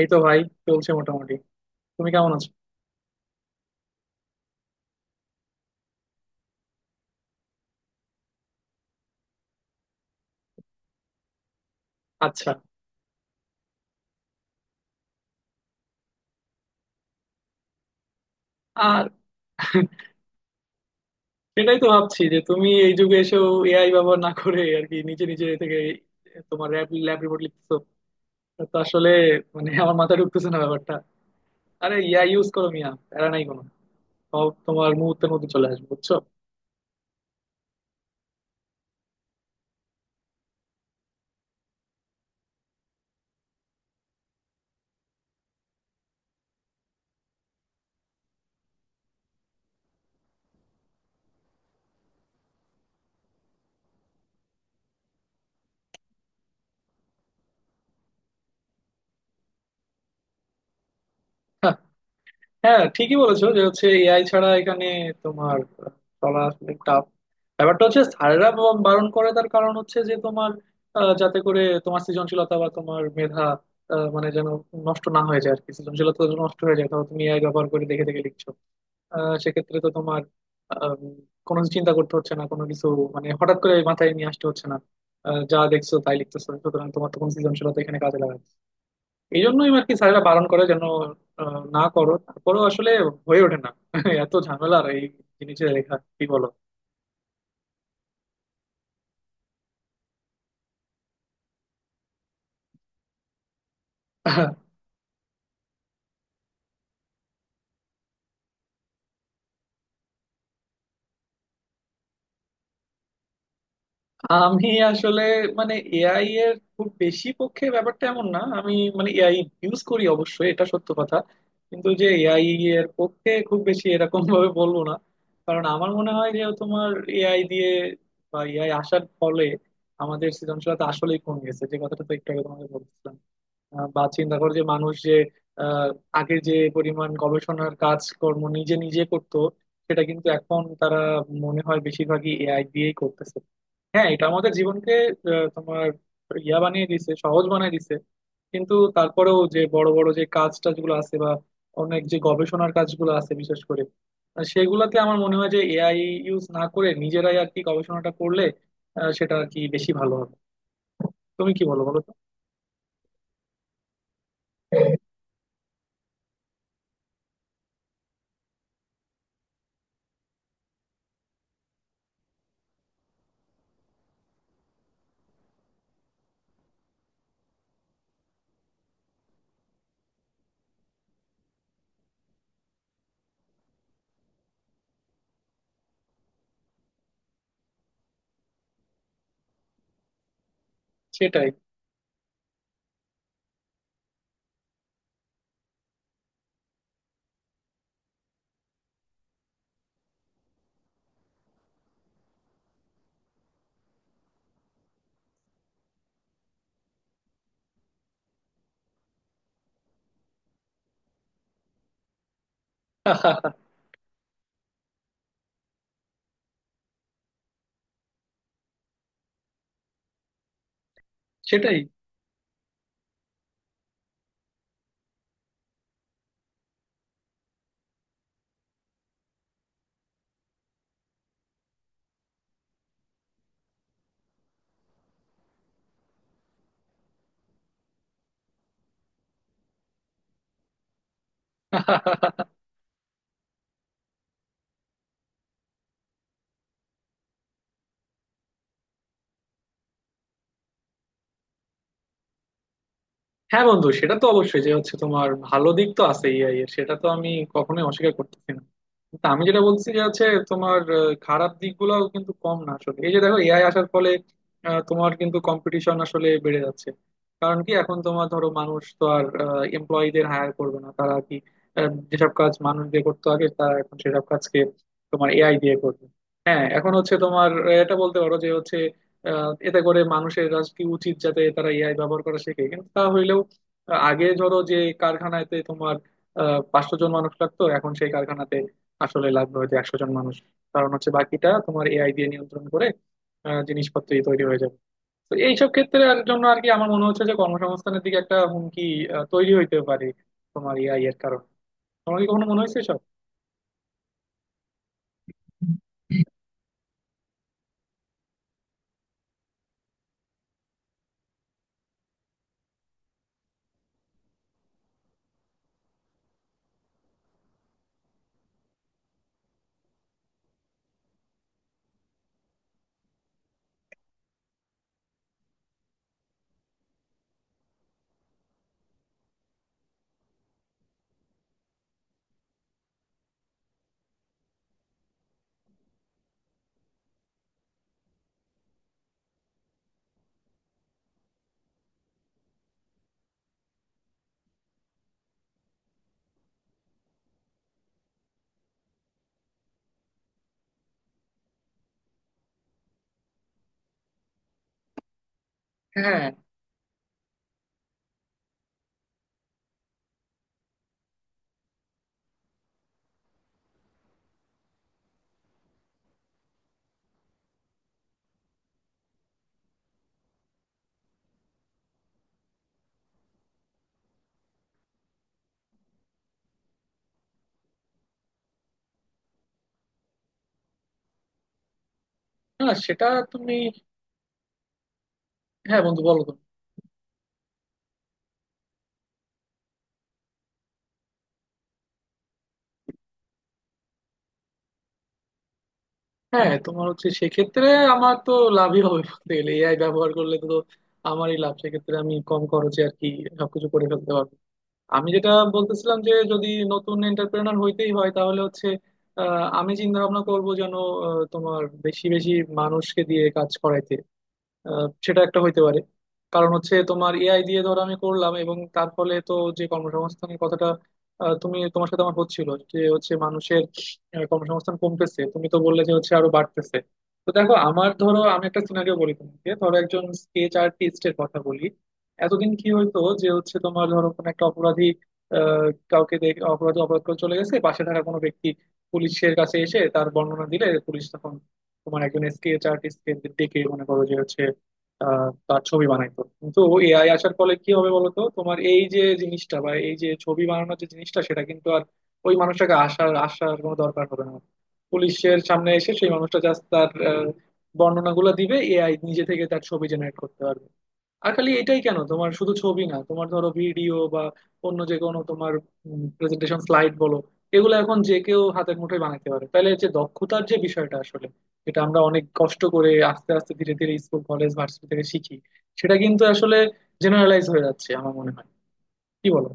এই তো ভাই, চলছে মোটামুটি। তুমি কেমন আছো? আচ্ছা। আর সেটাই তো ভাবছি যে তুমি এই যুগে এসেও এআই ব্যবহার না করে আর কি নিজে নিজে থেকে তোমার ল্যাব ল্যাব রিপোর্ট লিখতেছো। এটা তো আসলে মানে আমার মাথায় ঢুকতেছে না ব্যাপারটা। আরে ইয়া ইউজ করো মিয়া, প্যারা নাই কোনো। সব তোমার মুহূর্তের মধ্যে চলে আসবে বুঝছো। হ্যাঁ, ঠিকই বলেছো যে হচ্ছে এআই ছাড়া এখানে তোমার আহ, চলা আসলে টাফ। ব্যাপারটা হচ্ছে স্যাররা বারণ করে, তার কারণ হচ্ছে যে তোমার যাতে করে তোমার সৃজনশীলতা বা তোমার মেধা মানে যেন নষ্ট না হয়ে যায় আর কি, সৃজনশীলতা যেন নষ্ট হয়ে যায়। ধরো তুমি এআই ব্যবহার করে দেখে দেখে লিখছো, সেক্ষেত্রে তো তোমার আহ, কোনো কিছু চিন্তা করতে হচ্ছে না, কোনো কিছু মানে হঠাৎ করে মাথায় নিয়ে আসতে হচ্ছে না। যা দেখছো তাই লিখতেছো, সুতরাং তোমার তো কোনো সৃজনশীলতা এখানে কাজে লাগাবে না। এই জন্যই আর কি স্যারেরা বারণ করে যেন না করো, তারপরেও আসলে হয়ে ওঠে না এত ঝামেলার এই জিনিসে লেখা, কি বলো? আমি আসলে মানে এআই এর খুব বেশি পক্ষে ব্যাপারটা এমন না। আমি মানে এআই ইউজ করি অবশ্যই, এটা সত্য কথা। কিন্তু যে এআই এর পক্ষে খুব বেশি এরকম ভাবে বলবো না। কারণ আমার মনে হয় যে তোমার এআই দিয়ে বা এআই আসার ফলে আমাদের সৃজনশীলতা আসলেই কমে গেছে, যে কথাটা তো একটু আগে তোমাকে বলছিলাম। বা চিন্তা করো যে মানুষ যে আহ, আগে যে পরিমাণ গবেষণার কাজকর্ম নিজে নিজে করতো সেটা কিন্তু এখন তারা মনে হয় বেশিরভাগই এআই দিয়েই করতেছে। হ্যাঁ, এটা আমাদের জীবনকে তোমার ইয়া বানিয়ে দিছে, সহজ বানিয়ে দিছে। কিন্তু তারপরেও যে বড় বড় যে কাজ টাজগুলো আছে বা অনেক যে গবেষণার কাজগুলো আছে বিশেষ করে সেগুলাতে আমার মনে হয় যে এআই ইউজ না করে নিজেরাই আর কি গবেষণাটা করলে সেটা আর কি বেশি ভালো হবে। তুমি কি বলো, বলো তো? সেটাই। সেটাই। হ্যাঁ বন্ধু, সেটা তো অবশ্যই, যে হচ্ছে তোমার ভালো দিক তো আছে এআই এর, সেটা তো আমি কখনোই অস্বীকার করতেছি না। তা আমি যেটা বলছি যে হচ্ছে তোমার খারাপ দিকগুলোও কিন্তু কম না আসলে। এই যে দেখো এআই আসার ফলে তোমার কিন্তু কম্পিটিশন আসলে বেড়ে যাচ্ছে। কারণ কি এখন তোমার ধরো মানুষ তো আর এমপ্লয়ীদের হায়ার করবে না, তারা কি যেসব কাজ মানুষ দিয়ে করতে আগে, তারা এখন সেসব কাজকে তোমার এআই দিয়ে করবে। হ্যাঁ, এখন হচ্ছে তোমার এটা বলতে পারো যে হচ্ছে এতে করে মানুষের আজ কি উচিত যাতে তারা এআই ব্যবহার করা শেখে। কিন্তু তা হইলেও আগে ধরো যে কারখানাতে তোমার 500 জন মানুষ লাগতো, এখন সেই কারখানাতে আসলে লাগবে হয়তো 100 জন মানুষ। কারণ হচ্ছে বাকিটা তোমার এআই দিয়ে নিয়ন্ত্রণ করে জিনিসপত্রই তৈরি হয়ে যাবে। তো এইসব ক্ষেত্রে আর জন্য আর কি আমার মনে হচ্ছে যে কর্মসংস্থানের দিকে একটা হুমকি তৈরি হইতে পারে তোমার এআই এর কারণে। তোমার কি কখনো মনে হয়েছে? সব হ্যাঁ, হ্যাঁ সেটা তুমি। হ্যাঁ বন্ধু, বলো তো। হ্যাঁ, তোমার হচ্ছে সেক্ষেত্রে আমার তো লাভই হবে বলতে গেলে, এআই ব্যবহার করলে তো আমারই লাভ সেক্ষেত্রে। আমি কম খরচে আর কি সবকিছু করে ফেলতে পারবো। আমি যেটা বলতেছিলাম যে যদি নতুন এন্টারপ্রেনার হইতেই হয় তাহলে হচ্ছে আমি চিন্তা ভাবনা করবো যেন তোমার বেশি বেশি মানুষকে দিয়ে কাজ করাইতে, সেটা একটা হইতে পারে। কারণ হচ্ছে তোমার এআই দিয়ে ধর আমি করলাম এবং তার ফলে তো যে কর্মসংস্থানের কথাটা তুমি তোমার সাথে আমার হচ্ছিল, যে হচ্ছে মানুষের কর্মসংস্থান কমতেছে, তুমি তো বললে যে হচ্ছে আরো বাড়তেছে। তো দেখো, আমার ধরো আমি একটা সিনারিও বলি তোমাকে, ধরো একজন স্কেচ আর্টিস্টের কথা বলি। এতদিন কি হইতো যে হচ্ছে তোমার ধরো কোনো একটা অপরাধী আহ, কাউকে দেখে, অপরাধী অপরাধ করে চলে গেছে, পাশে থাকা কোনো ব্যক্তি পুলিশের কাছে এসে তার বর্ণনা দিলে পুলিশ তখন তোমার একজন স্কেচ আর্টিস্টকে ডেকে মনে করো যে হচ্ছে তার ছবি বানাইতো। কিন্তু এআই আসার ফলে কি হবে বলতো, তোমার এই যে জিনিসটা বা এই যে ছবি বানানোর যে জিনিসটা সেটা কিন্তু আর ওই মানুষটাকে আসার আসার কোনো দরকার হবে না। পুলিশের সামনে এসে সেই মানুষটা জাস্ট তার বর্ণনাগুলো দিবে, এআই নিজে থেকে তার ছবি জেনারেট করতে পারবে। আর খালি এটাই কেন, তোমার শুধু ছবি না, তোমার ধরো ভিডিও বা অন্য যে কোনো তোমার প্রেজেন্টেশন স্লাইড বলো, এগুলো এখন যে কেউ হাতের মুঠোয় বানাতে পারে। তাহলে যে দক্ষতার যে বিষয়টা আসলে, এটা আমরা অনেক কষ্ট করে আস্তে আস্তে ধীরে ধীরে স্কুল কলেজ ভার্সিটি থেকে শিখি, সেটা কিন্তু আসলে জেনারেলাইজ হয়ে যাচ্ছে আমার মনে হয়। কি বলো?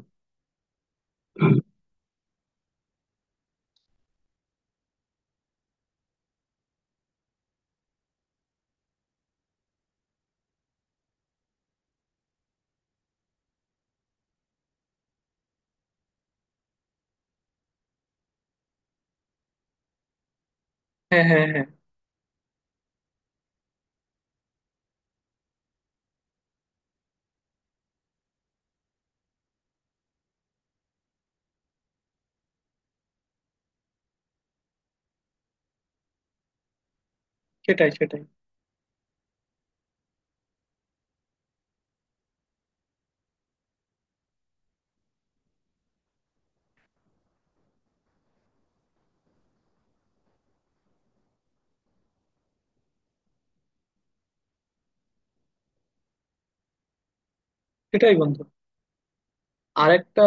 হ্যাঁ, হ্যাঁ, হ্যাঁ। সেটাই, সেটাই। সেটাই বন্ধু। আরেকটা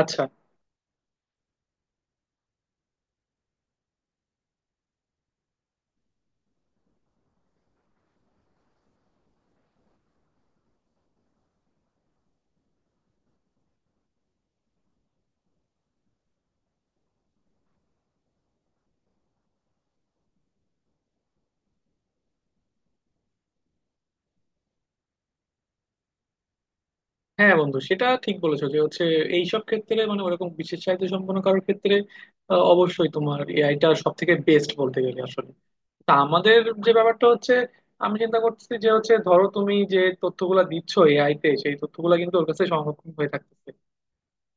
আচ্ছা। হ্যাঁ বন্ধু, সেটা ঠিক বলেছো যে হচ্ছে এইসব ক্ষেত্রে মানে ওরকম বিশেষ চাহিদা সম্পন্ন কারোর ক্ষেত্রে অবশ্যই তোমার এআইটা সব থেকে বেস্ট বলতে গেলে আসলে। তা আমাদের যে ব্যাপারটা হচ্ছে, আমি চিন্তা করছি যে হচ্ছে ধরো তুমি যে তথ্যগুলা দিচ্ছ এআই তে, সেই তথ্যগুলা কিন্তু ওর কাছে সংরক্ষণ হয়ে থাকতেছে।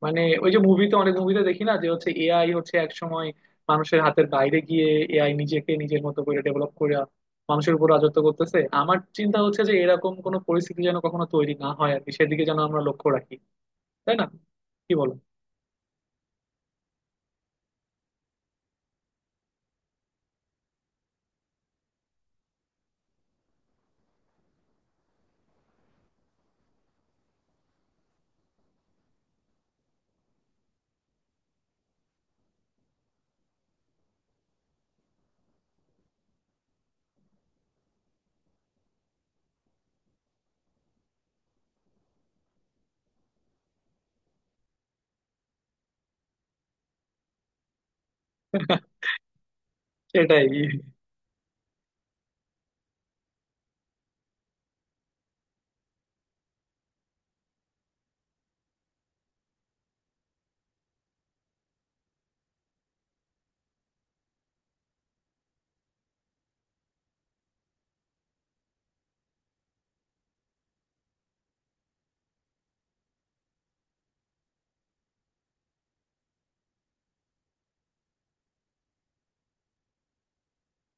মানে ওই যে মুভিতে, অনেক মুভিতে দেখি না যে হচ্ছে এআই হচ্ছে এক সময় মানুষের হাতের বাইরে গিয়ে এআই নিজেকে নিজের মতো করে ডেভেলপ করে মানুষের উপর রাজত্ব করতেছে। আমার চিন্তা হচ্ছে যে এরকম কোনো পরিস্থিতি যেন কখনো তৈরি না হয় আর কি, সেদিকে যেন আমরা লক্ষ্য রাখি। তাই না? কি বলো? সেটাই।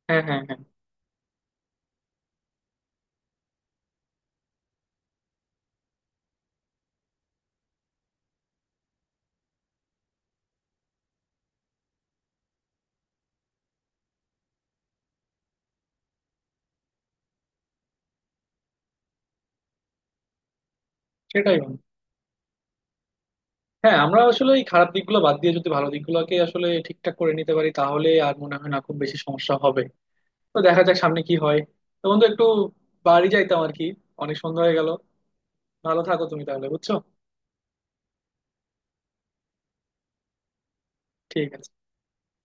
হ্যাঁ, হ্যাঁ, হ্যাঁ। সেটাই বন্ধু। হ্যাঁ, আমরা আসলে এই খারাপ দিকগুলো বাদ দিয়ে যদি ভালো দিকগুলোকে আসলে ঠিকঠাক করে নিতে পারি তাহলে আর মনে হয় না খুব বেশি সমস্যা হবে। তো দেখা যাক সামনে কি হয়। তো বন্ধু, একটু বাড়ি যাইতাম আর কি, অনেক সন্ধ্যা হয়ে গেল। ভালো থাকো তুমি তাহলে, বুঝছো। ঠিক আছে।